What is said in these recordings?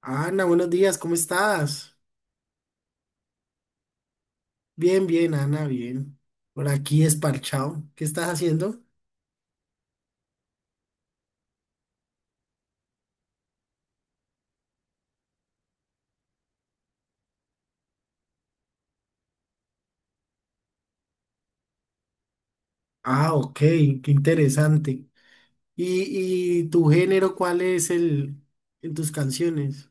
Ana, buenos días, ¿cómo estás? Bien, bien, Ana, bien. Por aquí desparchado. ¿Qué estás haciendo? Ah, ok, qué interesante. ¿Y tu género cuál es el en tus canciones?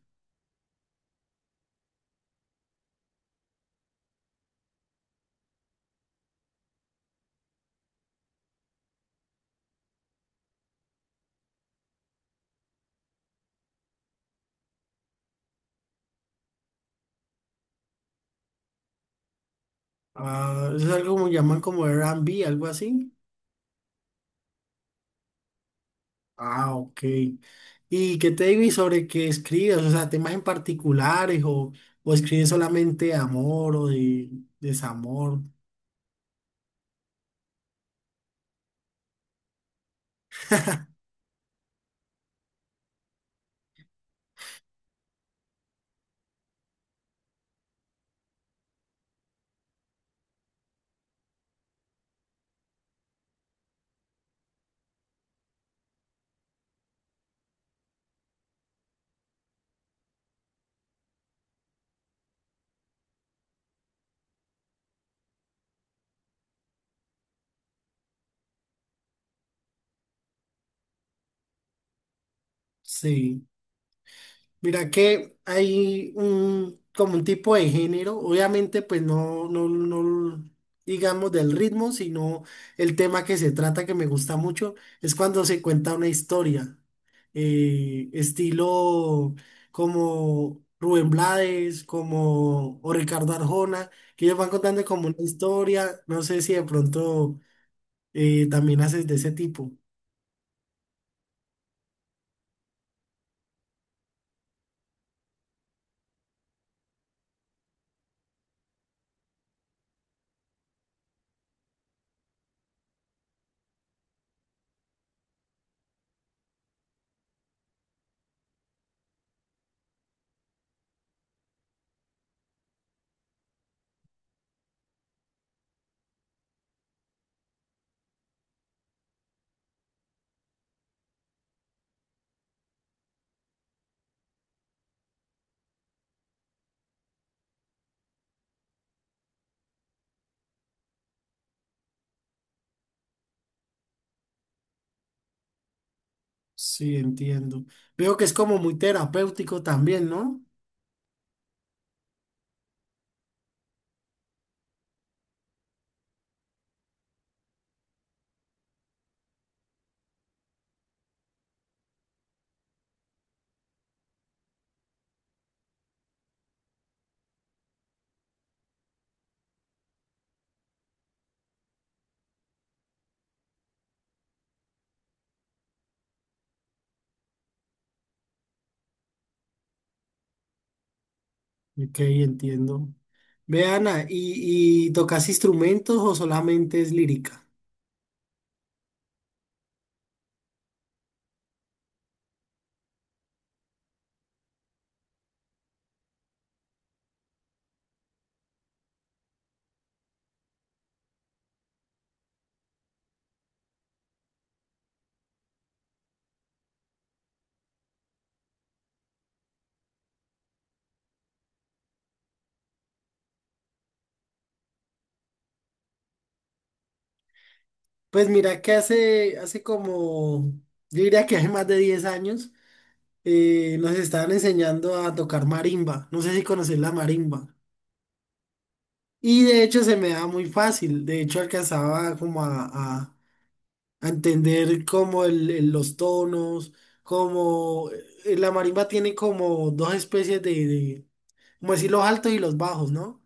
Ah, eso es algo como llaman como R&B, algo así. Ah, ok. ¿Y qué te digo y sobre qué escribes? O sea, temas en particulares o escribes solamente de amor o de desamor. Sí. Mira que hay un, como un tipo de género, obviamente pues no, no, no digamos del ritmo, sino el tema que se trata que me gusta mucho, es cuando se cuenta una historia, estilo como Rubén Blades, como o Ricardo Arjona, que ellos van contando como una historia, no sé si de pronto también haces de ese tipo. Sí, entiendo. Veo que es como muy terapéutico también, ¿no? Ok, entiendo. Ve, Ana, ¿Y tocas instrumentos o solamente es lírica? Pues mira que hace como, yo diría que hace más de 10 años, nos estaban enseñando a tocar marimba. No sé si conoces la marimba. Y de hecho se me daba muy fácil. De hecho alcanzaba como a entender como los tonos, como la marimba tiene como dos especies de, como decir, los altos y los bajos, ¿no?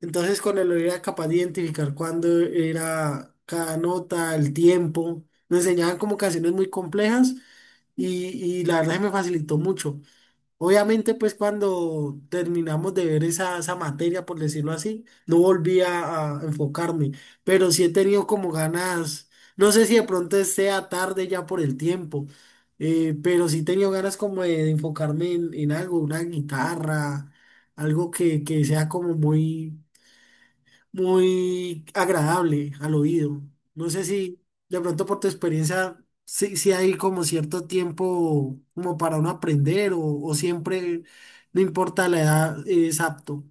Entonces, con el él era capaz de identificar cuándo era cada nota, el tiempo. Nos enseñaban como canciones muy complejas y, y la verdad se me facilitó mucho. Obviamente, pues cuando terminamos de ver esa materia, por decirlo así, no volví a enfocarme, pero sí he tenido como ganas, no sé si de pronto sea tarde ya por el tiempo, pero sí he tenido ganas como de enfocarme en algo, una guitarra, algo que sea como muy muy agradable al oído. No sé si de pronto por tu experiencia, si hay como cierto tiempo como para uno aprender o siempre, no importa la edad, es apto.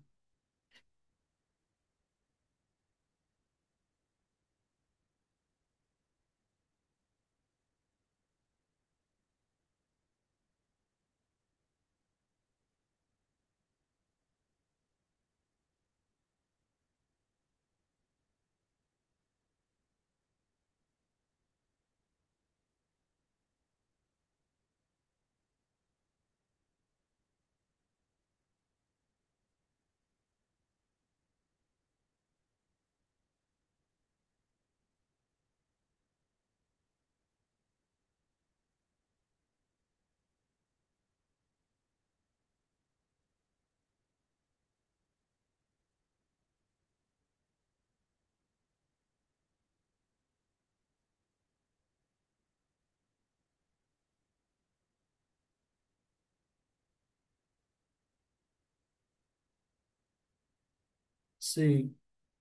Sí.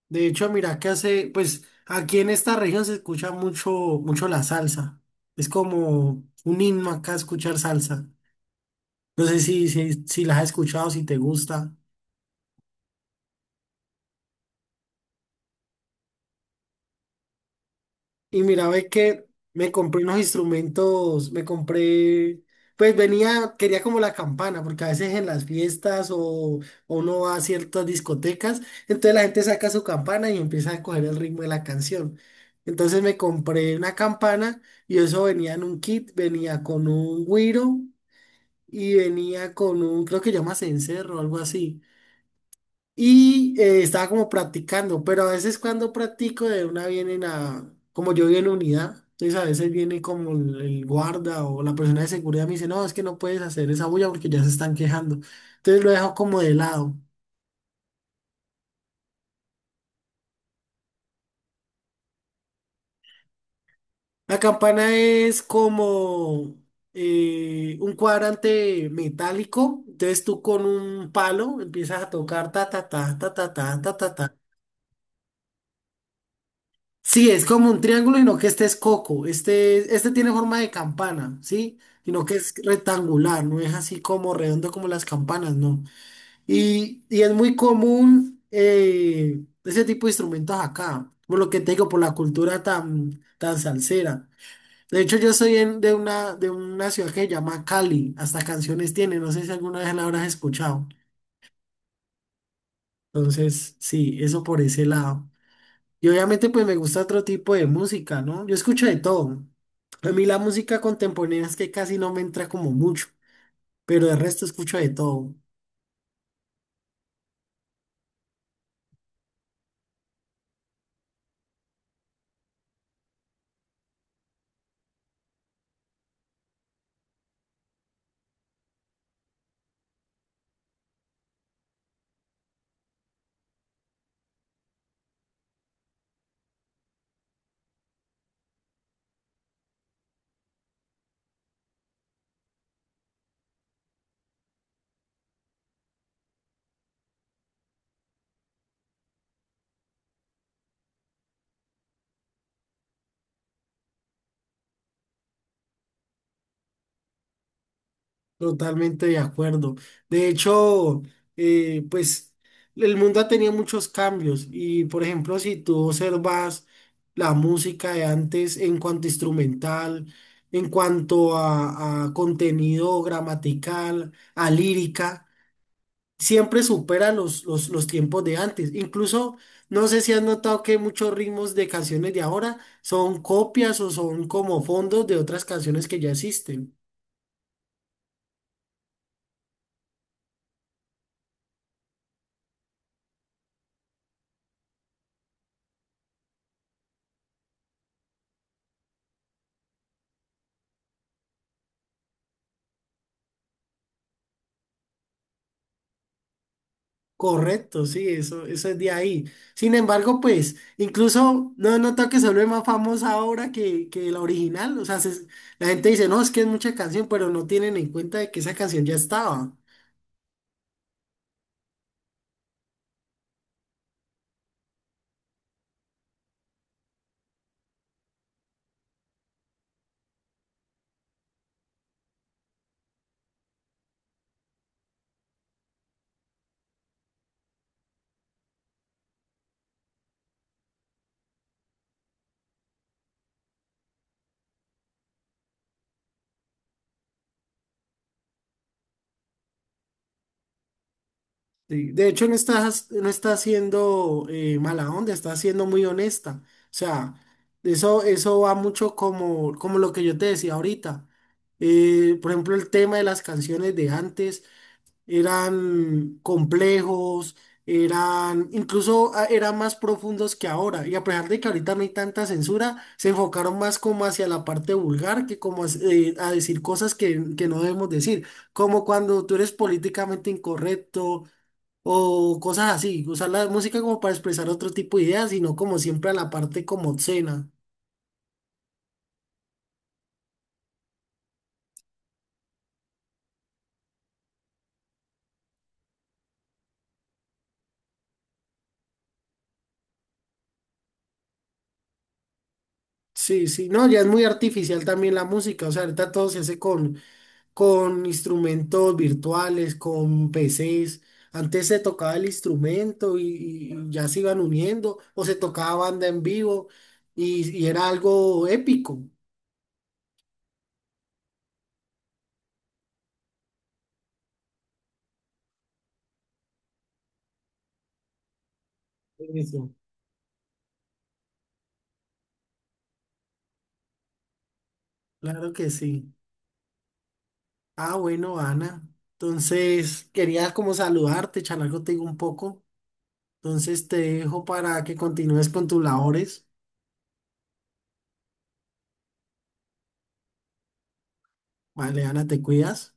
De hecho, mira que hace, pues aquí en esta región se escucha mucho, mucho la salsa. Es como un himno acá escuchar salsa. No sé si la has escuchado, si te gusta. Y mira, ve que me compré unos instrumentos, me compré, pues venía, quería como la campana, porque a veces en las fiestas o uno va a ciertas discotecas, entonces la gente saca su campana y empieza a coger el ritmo de la canción. Entonces me compré una campana y eso venía en un kit, venía con un güiro y venía con un, creo que llama cencerro o algo así. Y estaba como practicando, pero a veces cuando practico de una vienen a, como yo vivo en unidad, entonces a veces viene como el guarda o la persona de seguridad me dice, no, es que no puedes hacer esa bulla porque ya se están quejando. Entonces lo dejo como de lado. La campana es como un cuadrante metálico, entonces tú con un palo empiezas a tocar ta ta ta ta ta ta ta ta ta. Sí, es como un triángulo, y no que este es coco. Este tiene forma de campana, ¿sí? Sino que es rectangular, no es así como redondo como las campanas, ¿no? Y es muy común ese tipo de instrumentos acá, por lo que te digo, por la cultura tan, tan salsera. De hecho, yo soy de una, ciudad que se llama Cali, hasta canciones tiene, no sé si alguna vez la habrás escuchado. Entonces, sí, eso por ese lado. Y obviamente pues me gusta otro tipo de música, ¿no? Yo escucho de todo. A mí la música contemporánea es que casi no me entra como mucho, pero el resto escucho de todo. Totalmente de acuerdo. De hecho, pues el mundo ha tenido muchos cambios y por ejemplo, si tú observas la música de antes en cuanto a instrumental, en cuanto a contenido gramatical, a lírica. Siempre supera los tiempos de antes. Incluso, no sé si has notado que muchos ritmos de canciones de ahora son copias o son como fondos de otras canciones que ya existen. Correcto, sí, eso es de ahí. Sin embargo, pues, incluso no he notado que se vuelve más famosa ahora que la original. O sea, la gente dice, no, es que es mucha canción, pero no tienen en cuenta de que esa canción ya estaba. Sí, de hecho, no está siendo mala onda, está siendo muy honesta. O sea, eso va mucho como lo que yo te decía ahorita. Por ejemplo, el tema de las canciones de antes eran complejos, eran incluso eran más profundos que ahora. Y a pesar de que ahorita no hay tanta censura, se enfocaron más como hacia la parte vulgar que como a decir cosas que no debemos decir. Como cuando tú eres políticamente incorrecto o cosas así, usar la música como para expresar otro tipo de ideas, sino como siempre a la parte como obscena. Sí, sí, no, ya es muy artificial también la música, o sea, ahorita todo se hace con instrumentos virtuales, con PCs. Antes se tocaba el instrumento y ya se iban uniendo, o se tocaba banda en vivo y era algo épico. Eso, claro que sí. Ah, bueno, Ana. Entonces, quería como saludarte, charlar contigo un poco. Entonces te dejo para que continúes con tus labores. Vale, Ana, te cuidas.